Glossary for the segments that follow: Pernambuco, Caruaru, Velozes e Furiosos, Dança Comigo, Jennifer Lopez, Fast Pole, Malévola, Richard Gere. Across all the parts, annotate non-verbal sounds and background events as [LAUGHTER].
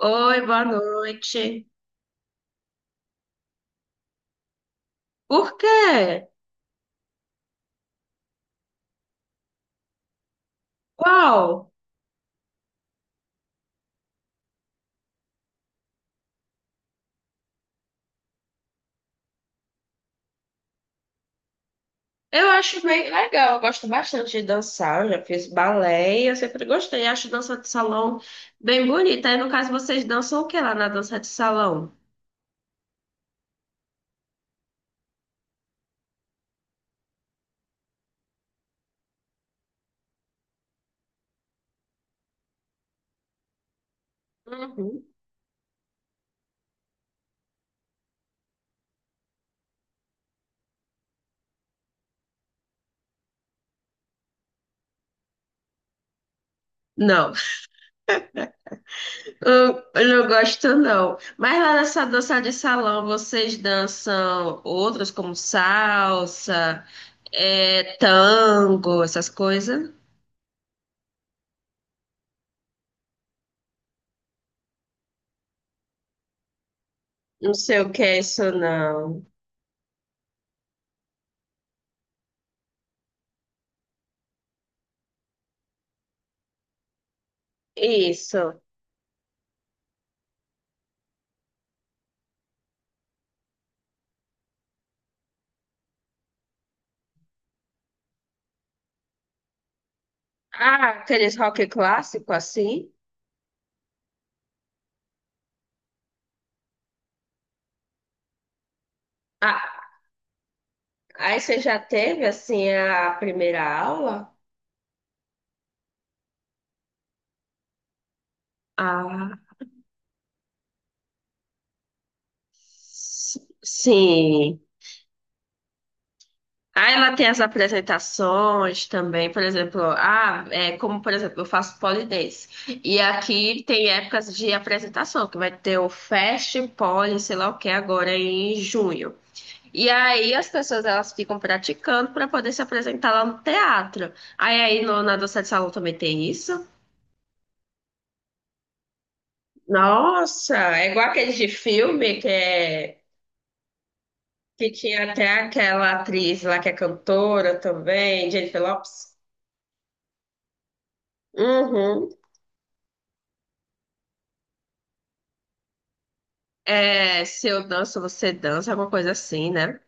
Oi, boa noite. Por quê? Qual? Eu acho bem legal, eu gosto bastante de dançar, eu já fiz balé e eu sempre gostei, acho dança de salão bem bonita. Aí, no caso, vocês dançam o que lá na dança de salão? Uhum. Não, [LAUGHS] eu não gosto não. Mas lá nessa dança de salão, vocês dançam outras como salsa, é, tango, essas coisas? Não sei o que é isso, não. Isso. Ah, aqueles rock clássico assim? Ah, aí você já teve assim a primeira aula? Ah, sim. Ah, ela tem as apresentações também, por exemplo, ah, é, como por exemplo, eu faço pole dance. E aqui tem épocas de apresentação, que vai ter o Fast Pole, sei lá o que, agora em junho. E aí as pessoas elas ficam praticando para poder se apresentar lá no teatro. Aí na dança de salão também tem isso? Nossa, é igual aquele de filme que é que tinha até aquela atriz lá que é cantora também, Jennifer Lopez. Uhum. É, se eu danço, você dança, alguma coisa assim, né?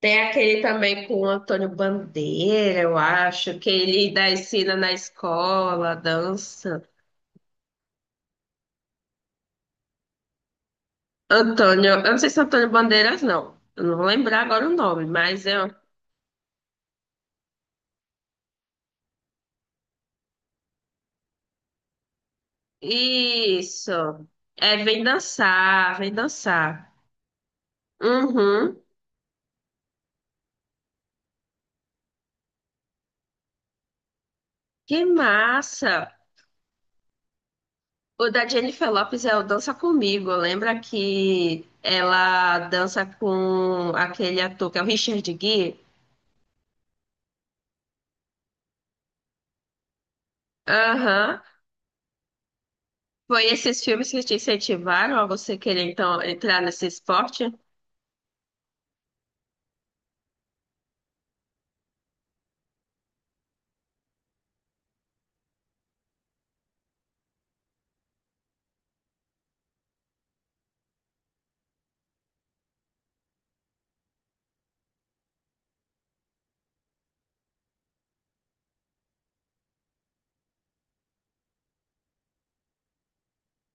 Tem aquele também com o Antônio Bandeira, eu acho, que ele dá ensina na escola, dança. Antônio, eu não sei se é Antônio Bandeiras, não. Eu não vou lembrar agora o nome, mas é um, isso. É, vem dançar, vem dançar. Uhum. Que massa! O da Jennifer Lopez é o Dança Comigo. Lembra que ela dança com aquele ator que é o Richard Gere? Aham. Foi esses filmes que te incentivaram a você querer então entrar nesse esporte?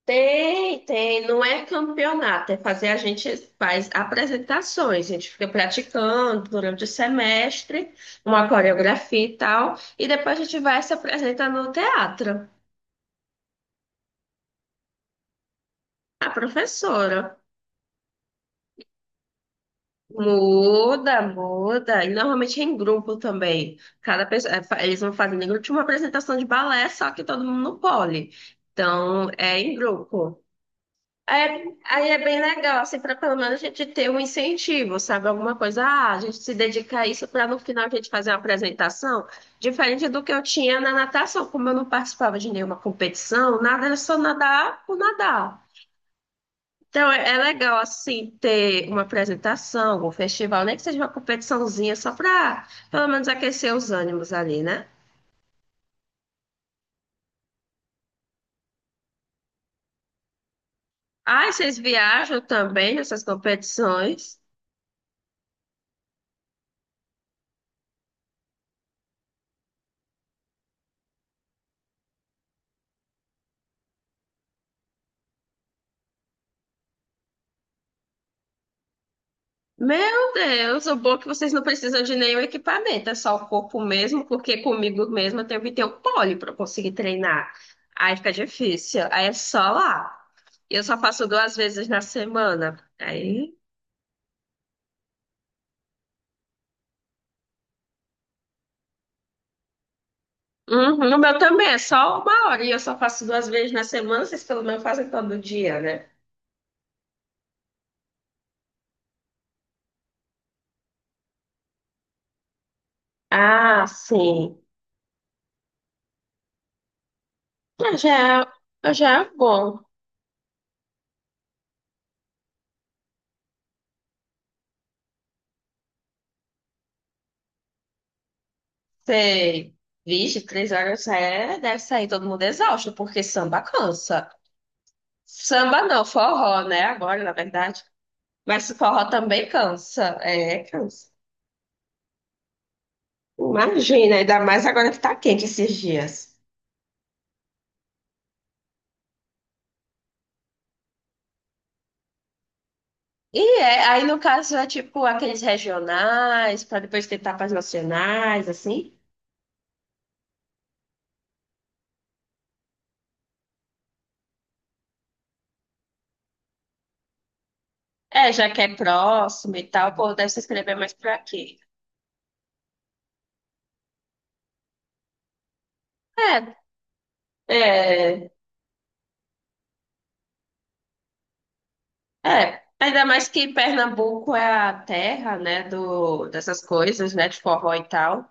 Tem, tem. Não é campeonato, é fazer. A gente faz apresentações, a gente fica praticando durante o semestre, uma coreografia e tal, e depois a gente vai se apresentar no teatro. A professora. Muda, muda. E normalmente é em grupo também. Cada pessoa, é, eles vão fazendo em grupo. Tinha uma apresentação de balé, só que todo mundo no pole. Então, é em grupo. É, aí é bem legal, assim, para pelo menos a gente ter um incentivo, sabe? Alguma coisa, ah, a gente se dedica a isso para no final a gente fazer uma apresentação, diferente do que eu tinha na natação, como eu não participava de nenhuma competição, nada, era só nadar por nadar. Então, é, é legal, assim, ter uma apresentação, algum festival, nem que seja uma competiçãozinha, só para, pelo menos, aquecer os ânimos ali, né? Ah, vocês viajam também nessas competições? Meu Deus, o bom é que vocês não precisam de nenhum equipamento, é só o corpo mesmo, porque comigo mesmo eu tenho que ter um pole para conseguir treinar. Aí fica difícil, aí é só lá. E eu só faço 2 vezes na semana. Aí. Uhum, o meu também é só 1 hora e eu só faço duas vezes na semana, vocês pelo menos fazem todo dia, né? Ah, sim. Ah, já, ah, já é bom. Sei. Vixe, 3 horas é, deve sair todo mundo exausto, porque samba cansa. Samba não, forró, né? Agora, na verdade. Mas forró também cansa. É, cansa. Imagina, ainda mais agora que tá quente esses dias. E é, aí no caso é tipo aqueles regionais, para depois tentar para as nacionais, assim. É, já que é próximo e tal, pô, deve se inscrever mais pra aqui. É, é, é. Ainda mais que Pernambuco é a terra, né, do, dessas coisas, né, de forró e tal.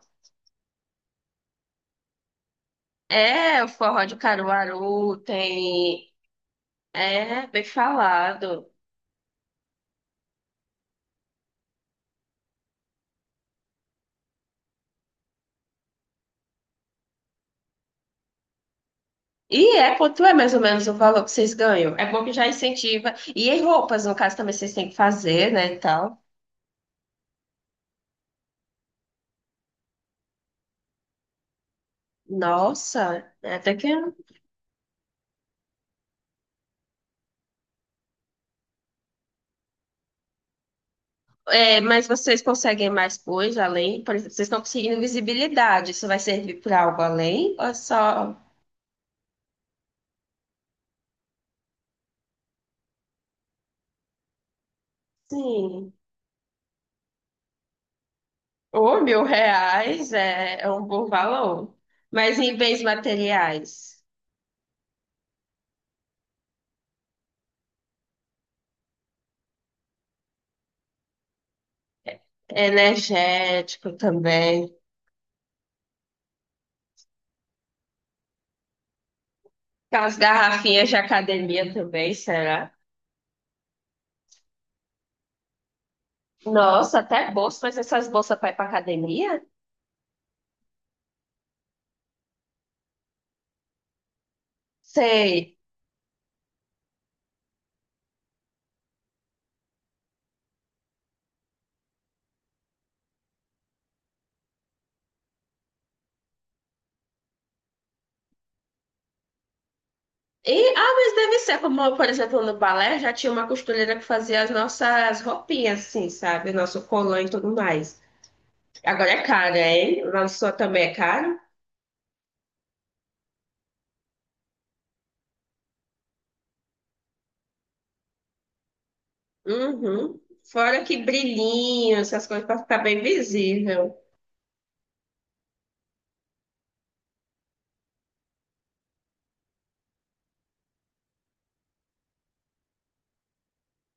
É, o forró de Caruaru tem... É, bem falado. E é quanto é mais ou menos o valor que vocês ganham? É bom que já incentiva. E em roupas, no caso, também vocês têm que fazer, né, e tal. Nossa, é até que... é. É, mas vocês conseguem mais coisa além? Por exemplo, vocês estão conseguindo visibilidade. Isso vai servir para algo além? Ou é só, sim, ou 1.000 reais é, é um bom valor. Mas em bens materiais, energético também, aquelas garrafinhas de academia também, será? Nossa, até bolsa, mas essas bolsas para ir para academia? Sei. E, ah, mas deve ser, como, por exemplo, no balé já tinha uma costureira que fazia as nossas roupinhas, assim, sabe? Nosso colã e tudo mais. Agora é caro, hein? Lá no sul também é caro. Uhum. Fora que brilhinho, essas coisas para ficar bem visível.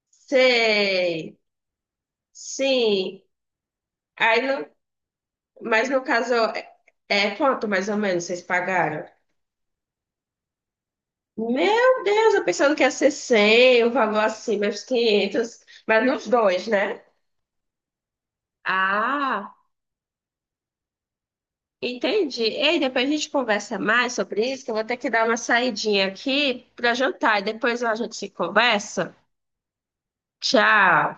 Sei. Sim. Aí, mas no caso, é, é quanto mais ou menos vocês pagaram? Meu Deus, eu pensando que ia ser 100 o valor assim, mas 500. Mas nos dois, né? Ah. Entendi. Ei, depois a gente conversa mais sobre isso, que eu vou ter que dar uma saidinha aqui para jantar e depois a gente se conversa. Tchau.